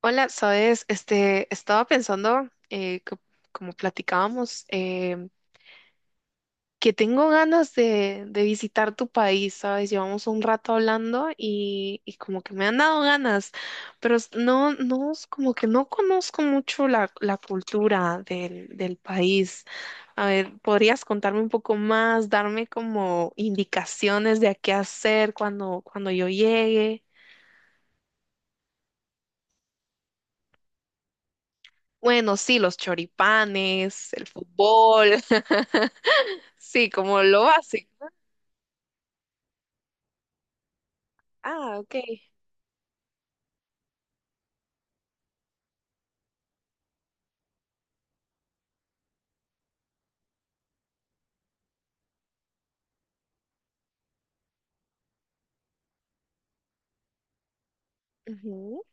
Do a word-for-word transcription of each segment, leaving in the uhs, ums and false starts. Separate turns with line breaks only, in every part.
Hola, sabes, este, estaba pensando, eh, co- como platicábamos, em, que tengo ganas de, de visitar tu país, sabes, llevamos un rato hablando y, y como que me han dado ganas, pero s- no, no, s- como que no conozco mucho la, la cultura del, del país. A ver, ¿podrías contarme un poco más, darme como indicaciones de a qué hacer cuando, cuando yo llegue? Bueno, sí, los choripanes, el fútbol. Sí, como lo básico, ¿no? Ah, ok. Ujú.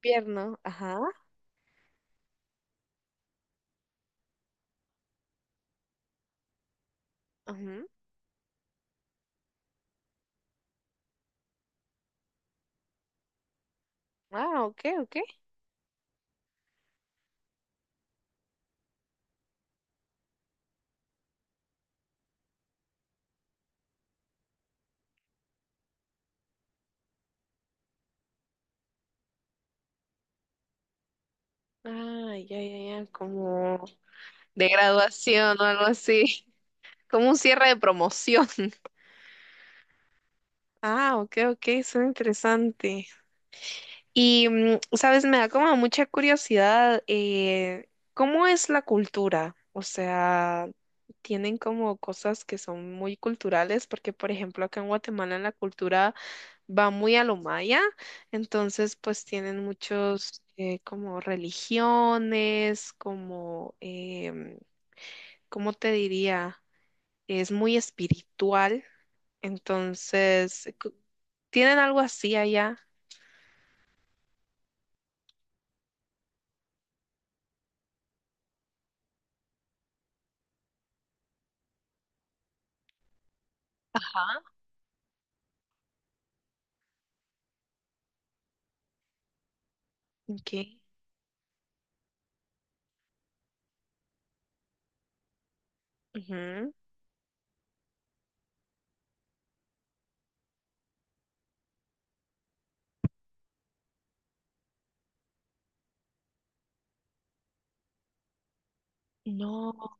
Pierno, ajá. Ujú. Ah, ok, ok. Ah, ya, ya, ya. Como de graduación o algo así. Como un cierre de promoción. Ah, ok, ok. Suena interesante. Y, mm, sabes, me da como mucha curiosidad, eh, ¿cómo es la cultura? O sea, tienen como cosas que son muy culturales, porque por ejemplo acá en Guatemala la cultura va muy a lo maya, entonces pues tienen muchos eh, como religiones, como, em, ¿cómo te diría? Es muy espiritual, entonces, cu- ¿tienen algo así allá? Ajá. Ok. No.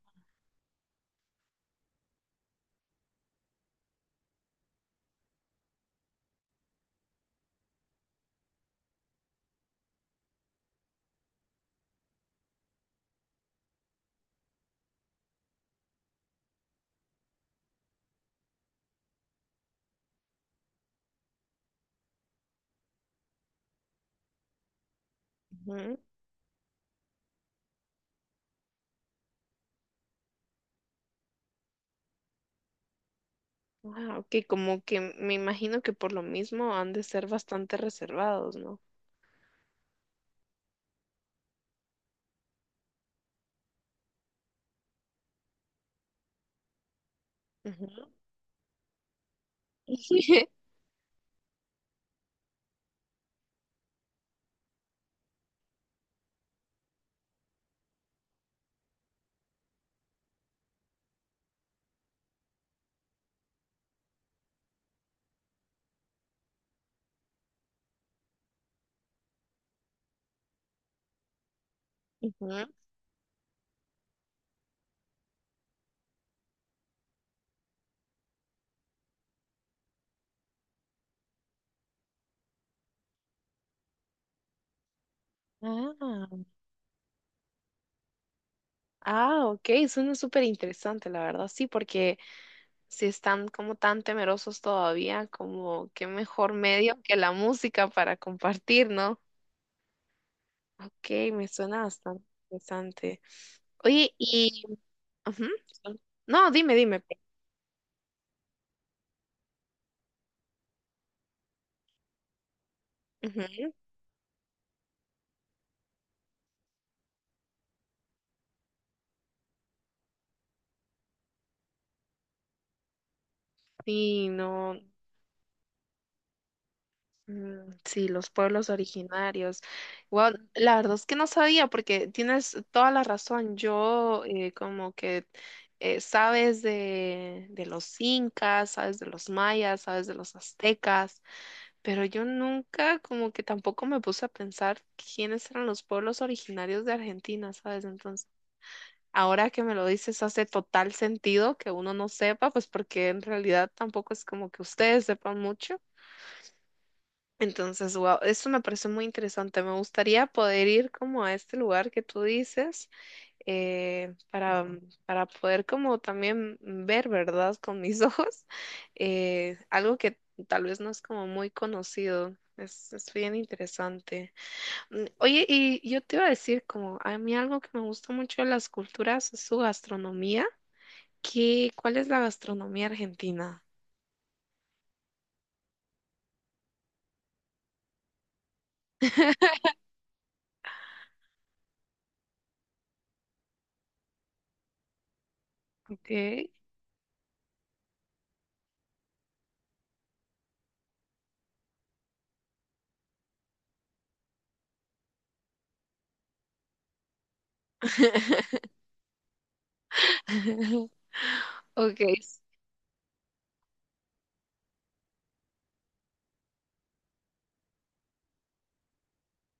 Ujú. Ah, ok, como que me imagino que por lo mismo han de ser bastante reservados, ¿no? Ujú. Ujú. Ah, ah, ok, suena súper interesante, la verdad, sí, porque si están como tan temerosos todavía, como qué mejor medio que la música para compartir, ¿no? Ok, me suena bastante interesante. Oye, y... Ujú. No, dime, dime. Ujú. Sí, no. Mm, sí, los pueblos originarios. Wow, la verdad es que no sabía, porque tienes toda la razón. Yo eh, como que eh, sabes de, de los incas, sabes de los mayas, sabes de los aztecas, pero yo nunca como que tampoco me puse a pensar quiénes eran los pueblos originarios de Argentina, ¿sabes? Entonces, ahora que me lo dices, hace total sentido que uno no sepa, pues porque en realidad tampoco es como que ustedes sepan mucho. Entonces, wow, esto me parece muy interesante. Me gustaría poder ir como a este lugar que tú dices eh, para, para poder como también ver, ¿verdad? Con mis ojos, eh, algo que tal vez no es como muy conocido. Es, es bien interesante. Mm, Oye, y yo te iba a decir como a mí algo que me gusta mucho de las culturas es su gastronomía. ¿Qué, cuál es la gastronomía argentina? Ok. Ok.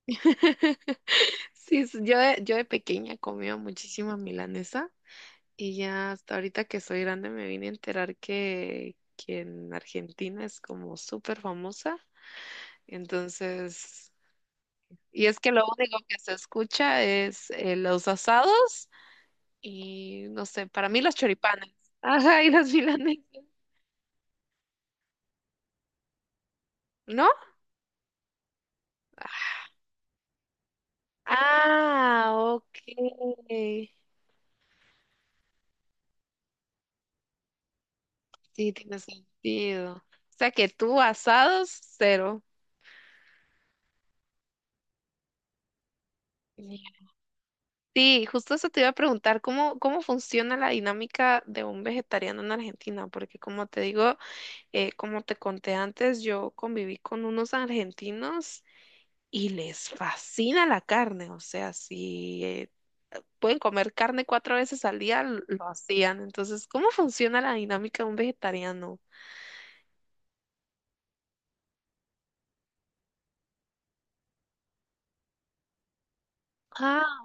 Sí, es- yo de, yo de pequeña comía muchísima milanesa y ya hasta ahorita que soy grande me vine a enterar que, que en Argentina es como súper famosa. Entonces, y es que lo único que se escucha es eh, los asados y no sé, para mí los choripanes. Ajá, y las milanesas, ¿no? Ah, ok. Sí, tiene sentido. O sea que tú asados, cero. Sí, justo eso te iba a preguntar, ¿cómo, cómo funciona la dinámica de un vegetariano en Argentina? Porque como te digo, eh, como te conté antes, yo conviví con unos argentinos y les fascina la carne, o sea, si eh, pueden comer carne cuatro veces al día, l- lo hacían. Entonces, ¿cómo funciona la dinámica de un vegetariano? Ah,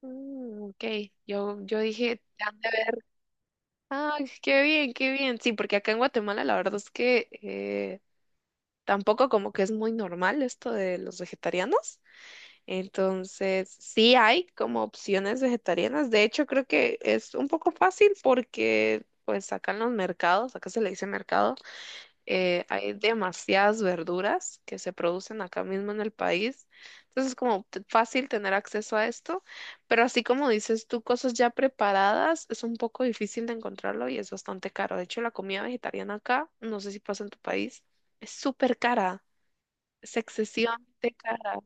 mm, ok, yo, yo dije, han de ver. Ay, qué bien, qué bien. Sí, porque acá en Guatemala la verdad es que... eh, tampoco como que es muy normal esto de los vegetarianos. Entonces, sí hay como opciones vegetarianas. De hecho, creo que es un poco fácil porque pues acá en los mercados, acá se le dice mercado, eh, hay demasiadas verduras que se producen acá mismo en el país. Entonces es como t- fácil tener acceso a esto, pero así como dices tú, cosas ya preparadas es un poco difícil de encontrarlo y es bastante caro. De hecho, la comida vegetariana acá, no sé si pasa en tu país, es súper cara, es excesivamente cara.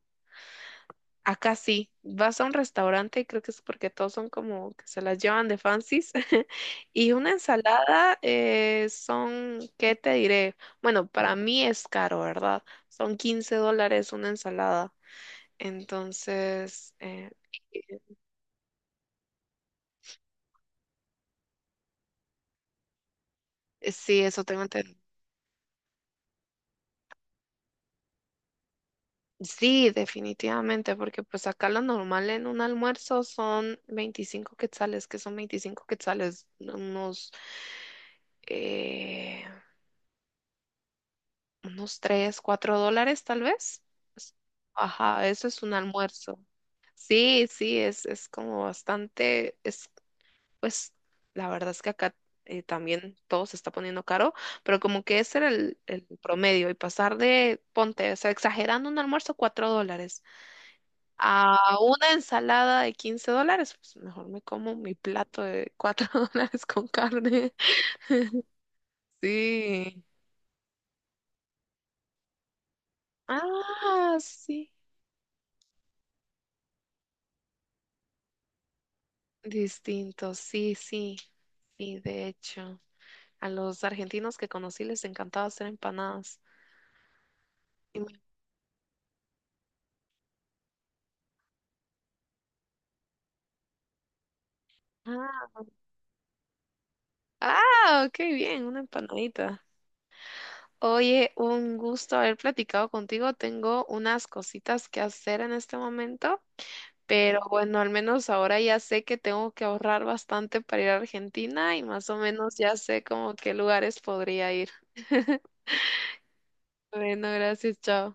Acá sí, vas a un restaurante y creo que es porque todos son como que se las llevan de fancies. Y una ensalada eh, son, ¿qué te diré? Bueno, para mí es caro, ¿verdad? Son quince dólares una ensalada. Entonces, eh, eh, sí, eso tengo entendido. Sí, definitivamente, porque pues acá lo normal en un almuerzo son veinticinco quetzales, que son veinticinco quetzales, unos eh, Unos tres cuatro dólares tal vez. Es- Ajá, eso es un almuerzo. Sí, sí, es, es como bastante, es pues la verdad es que acá eh, también todo se está poniendo caro, pero como que ese era el, el promedio y pasar de, ponte, o sea, exagerando un almuerzo, cuatro dólares a una ensalada de quince dólares, pues mejor me como mi plato de cuatro dólares con carne. Sí. Ah, sí. Distinto, sí, sí, sí, de hecho, a los argentinos que conocí les encantaba hacer empanadas. Y me- Ah, ah, qué bien, una empanadita. Oye, un gusto haber platicado contigo. Tengo unas cositas que hacer en este momento, pero bueno, al menos ahora ya sé que tengo que ahorrar bastante para ir a Argentina y más o menos ya sé como qué lugares podría ir. Bueno, gracias, chao.